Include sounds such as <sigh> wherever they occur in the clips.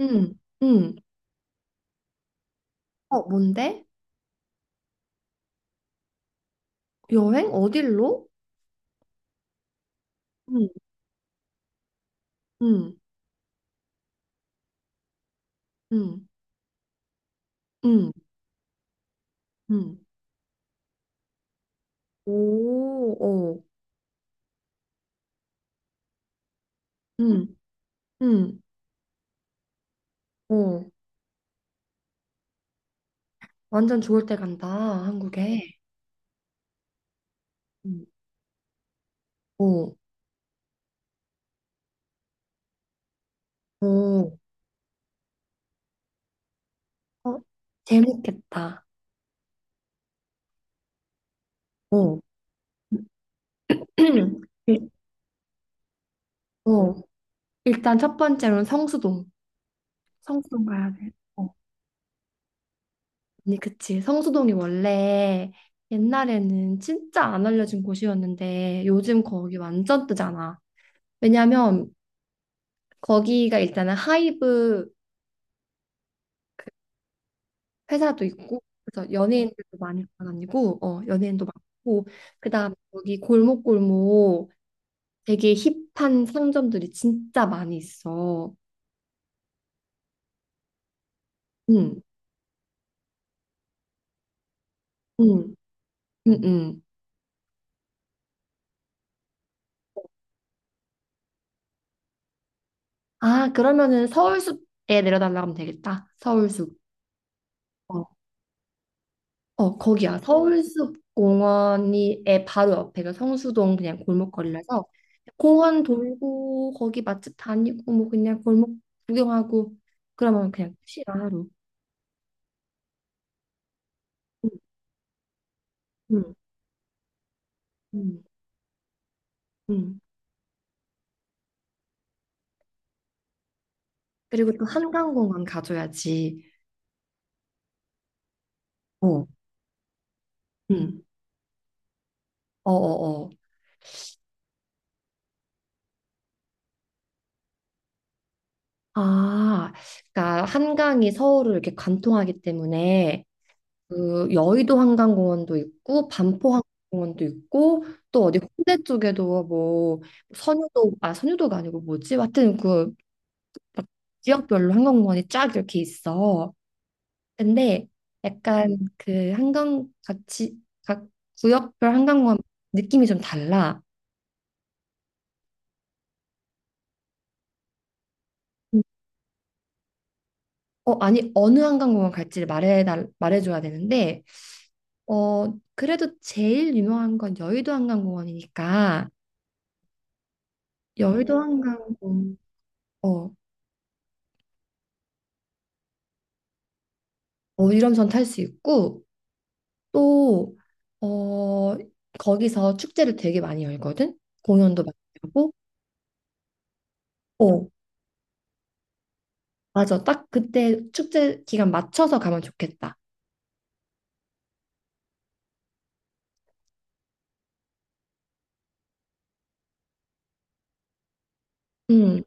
응, 응. 어, 뭔데? 여행? 어딜로? 응, 응, 응, 응, 응. 오, 어, 응, 응, 어. 완전 좋을 때 간다, 한국에. 응, 어, 어. 어, 재밌겠다. 어. <clears throat> 일- 어. 일단 첫 번째로는 성수동. 성수동 가야 돼. 어. 아니, 그치. 성수동이 원래 옛날에는 진짜 안 알려진 곳이었는데 요즘 거기 완전 뜨잖아. 왜냐면 거기가 일단은 하이브 그 회사도 있고 그래서 연예인들도 많이 다니고 어 연예인도 많고 그다음 여기 골목골목 되게 힙한 상점들이 진짜 많이 있어. 응, 응, 응, 응. 아, 그러면은 서울숲에 내려달라고 하면 되겠다. 서울숲. 어. 어, 거기야. 서울숲공원이 에 바로 옆에가 성수동 그냥 골목거리라서 공원 돌고 거기 맛집 다니고 뭐 그냥 골목 구경하고 그러면 그냥 끝이야 하루. 응, 응, 응, 응. 그리고 또 한강공원 가줘야지. 어, 응, 어, 어, 어. 아, 그러니까 한강이 서울을 이렇게 관통하기 때문에 그 여의도 한강공원도 있고 반포 한강공원도 있고 또 어디 홍대 쪽에도 뭐 선유도 아 선유도가 아니고 뭐지? 하여튼 그막 지역별로 한강공원이 쫙 이렇게 있어. 근데 약간 그 한강 같이 각 구역별 한강공원 느낌이 좀 달라. 음. 어, 아니, 어느 한강공원 갈지를 말해줘야 되는데 어 그래도 제일 유명한 건 여의도 한강공원이니까 여의도 한강공원. 어, 어, 유람선 탈 수 있고 또 어, 거기서 축제를 되게 많이 열거든. 공연도 많이 하고. 어, 맞아. 딱 그때 축제 기간 맞춰서 가면 좋겠다. 음.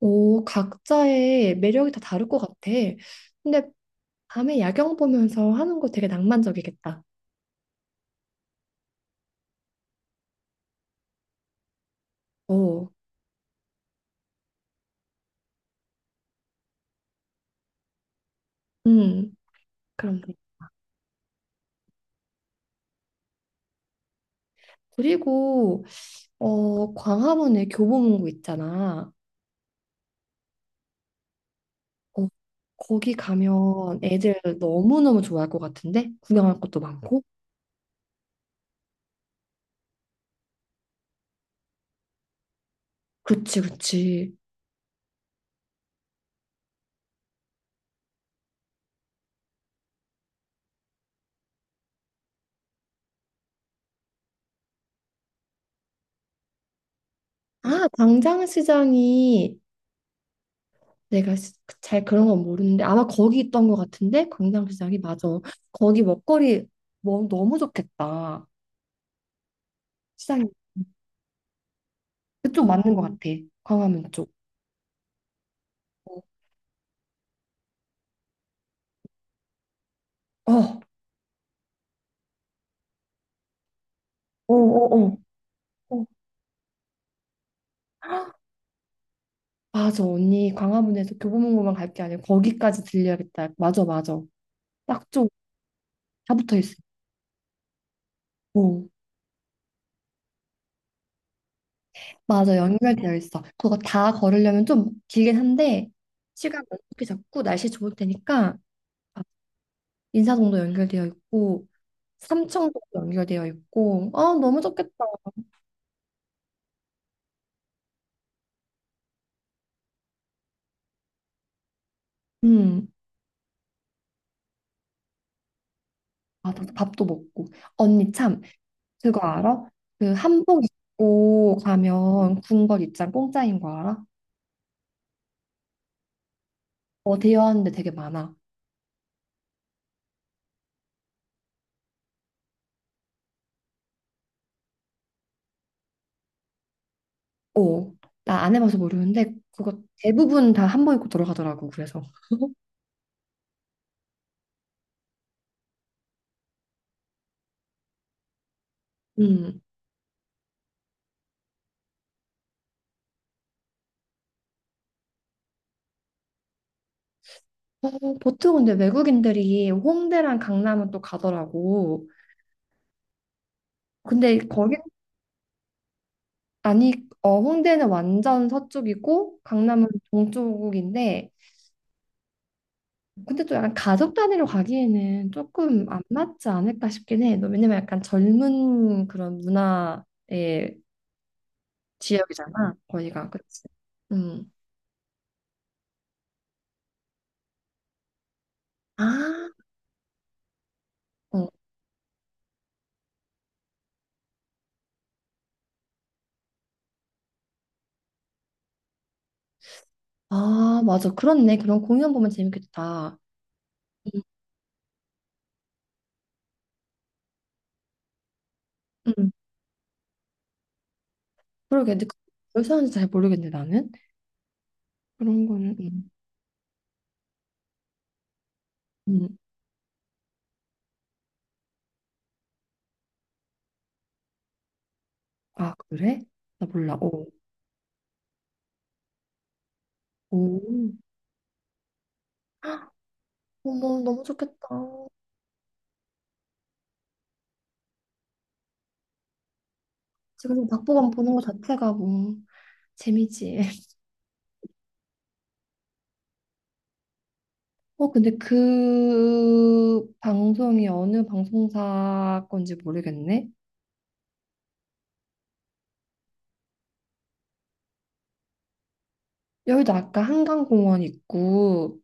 오, 각자의 매력이 다 다를 것 같아. 근데 밤에 야경 보면서 하는 거 되게 낭만적이겠다. 오, 음, 그럼. 그리고 어, 광화문에 교보문고 있잖아. 어, 거기 가면 애들 너무너무 좋아할 것 같은데? 구경할 것도 많고? 그치, 그치. 아, 광장시장이 내가 잘 그런 건 모르는데 아마 거기 있던 것 같은데? 광장시장이 맞아. 거기 먹거리 뭐, 너무 좋겠다. 시장이 그쪽 맞는 것 같아. 광화문 쪽. 어, 어, 어, 어. 어. 맞아, 언니. 광화문에서 교보문고만 갈 게 아니라 거기까지 들려야겠다. 맞아, 맞아. 딱 좀 다 붙어 있어. 맞아, 연결되어 있어. 그거 다 걸으려면 좀 길긴 한데, 시간 어떻게 잡고 날씨 좋을 때니까, 아, 인사동도 연결되어 있고, 삼청동도 연결되어 있고, 아, 너무 좋겠다. 음, 맞아, 밥도 먹고. 언니 참, 그거 알아? 그 한복 입고 가면 군걸 입장 공짜인 거 알아? 어, 대여하는데 되게 많아. 어, 나 안 해봐서 모르는데, 그거 대부분 다 한복 입고 들어가더라고, 그래서. 음. 어, 보통 근데 외국인들이 홍대랑 강남은 또 가더라고. 근데 거기 아니 어 홍대는 완전 서쪽이고 강남은 동쪽인데 근데 또 약간 가족 단위로 가기에는 조금 안 맞지 않을까 싶긴 해. 너 왜냐면 약간 젊은 그런 문화의 지역이잖아. 거기가 그렇지. 음. 아, 어. 아, 맞아. 그렇네. 그런 공연 보면 재밌겠다. 음. 음. 그러게. 근데 그걸 사는지 잘 모르겠네 나는. 그런 거는. 음. 음. 아, 그래? 나 몰라. 오. 오. 어머, 너무 좋겠다. 지금 박보검 보는 거 자체가 뭐 재미지. <laughs> 어, 근데 그 방송이 어느 방송사 건지 모르겠네. 여의도 아까 한강공원 있고,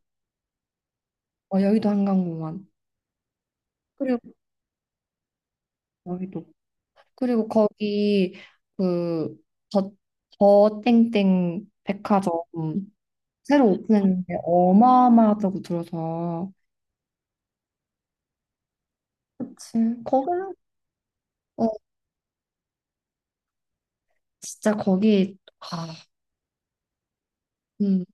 어, 여의도 한강공원. 그리고 여의도. 그리고 거기 그 저, 저 땡땡 백화점 새로 오픈했는데 어마어마하다고 들어서. 그치. 거기는, 어, 진짜 거기 아, 음,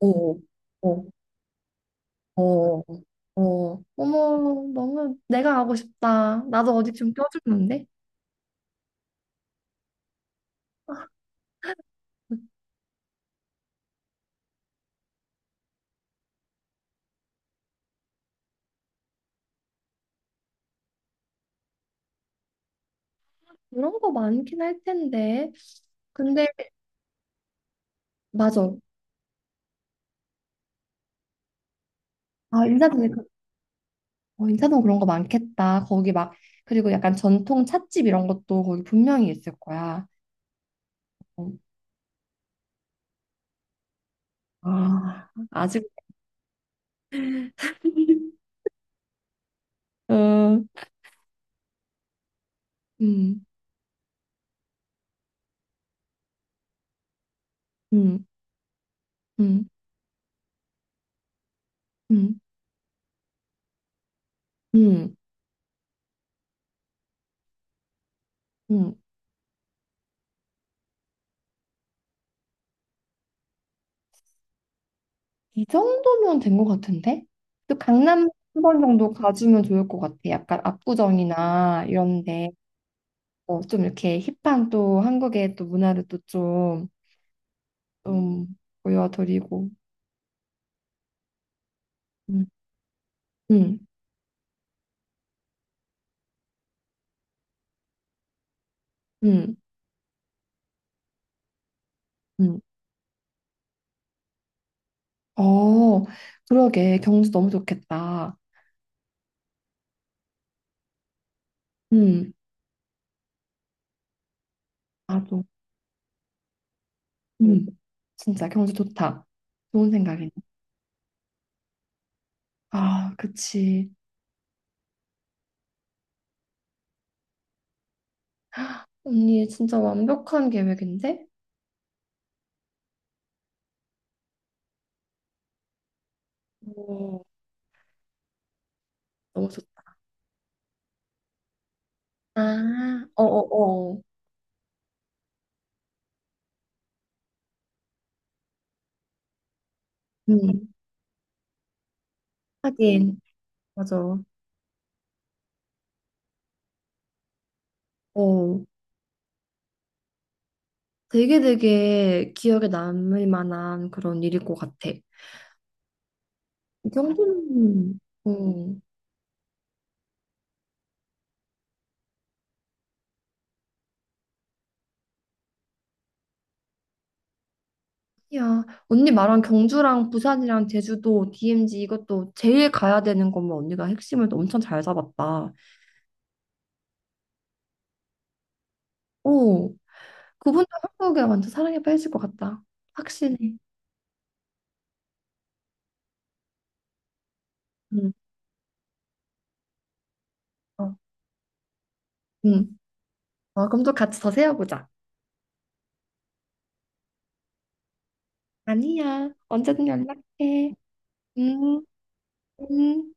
오, 오, 오, 어, 어머, 너무 내가 가고 싶다. 나도 어디 좀 껴주는데? 그런 거 많긴 할 텐데. 근데 맞아. 아, 인사동에 어, 인사동 그런 거 많겠다. 거기 막 그리고 약간 전통 찻집 이런 것도 거기 분명히 있을 거야. 어, 아, 아직 음, 음, 음, 음, 음, 음, 음. 이 정도면 된 것 같은데? 또 강남 한 번 정도 가주면 좋을 것 같아. 약간 압구정이나 이런데 어, 좀 이렇게 힙한 또 한국의 또 문화를 또 좀, 좀 보여드리고. 음, 음, 음, 음. 어, 그러게. 경주 너무 좋겠다. 음, 나도. 음, 진짜 경주 좋다. 좋은 생각이네. 아, 그치. 언니 진짜 완벽한 계획인데? 오, 너무 좋다. 아, 어어어. 음, 하긴, 맞아. 어, 되게 되게 기억에 남을 만한 그런 일일 것 같아. 경주는, 니 야, 언니 말한 경주랑 부산이랑 제주도, DMZ 이것도 제일 가야 되는 거면 언니가 핵심을 또 엄청 잘 잡았다. 오, 그분도 한국에 완전 사랑에 빠질 것 같다. 확실해. 응. 어, 응. 어, 그럼 또 같이 더 세워보자. 아니야, 언제든 연락해. 응. 음.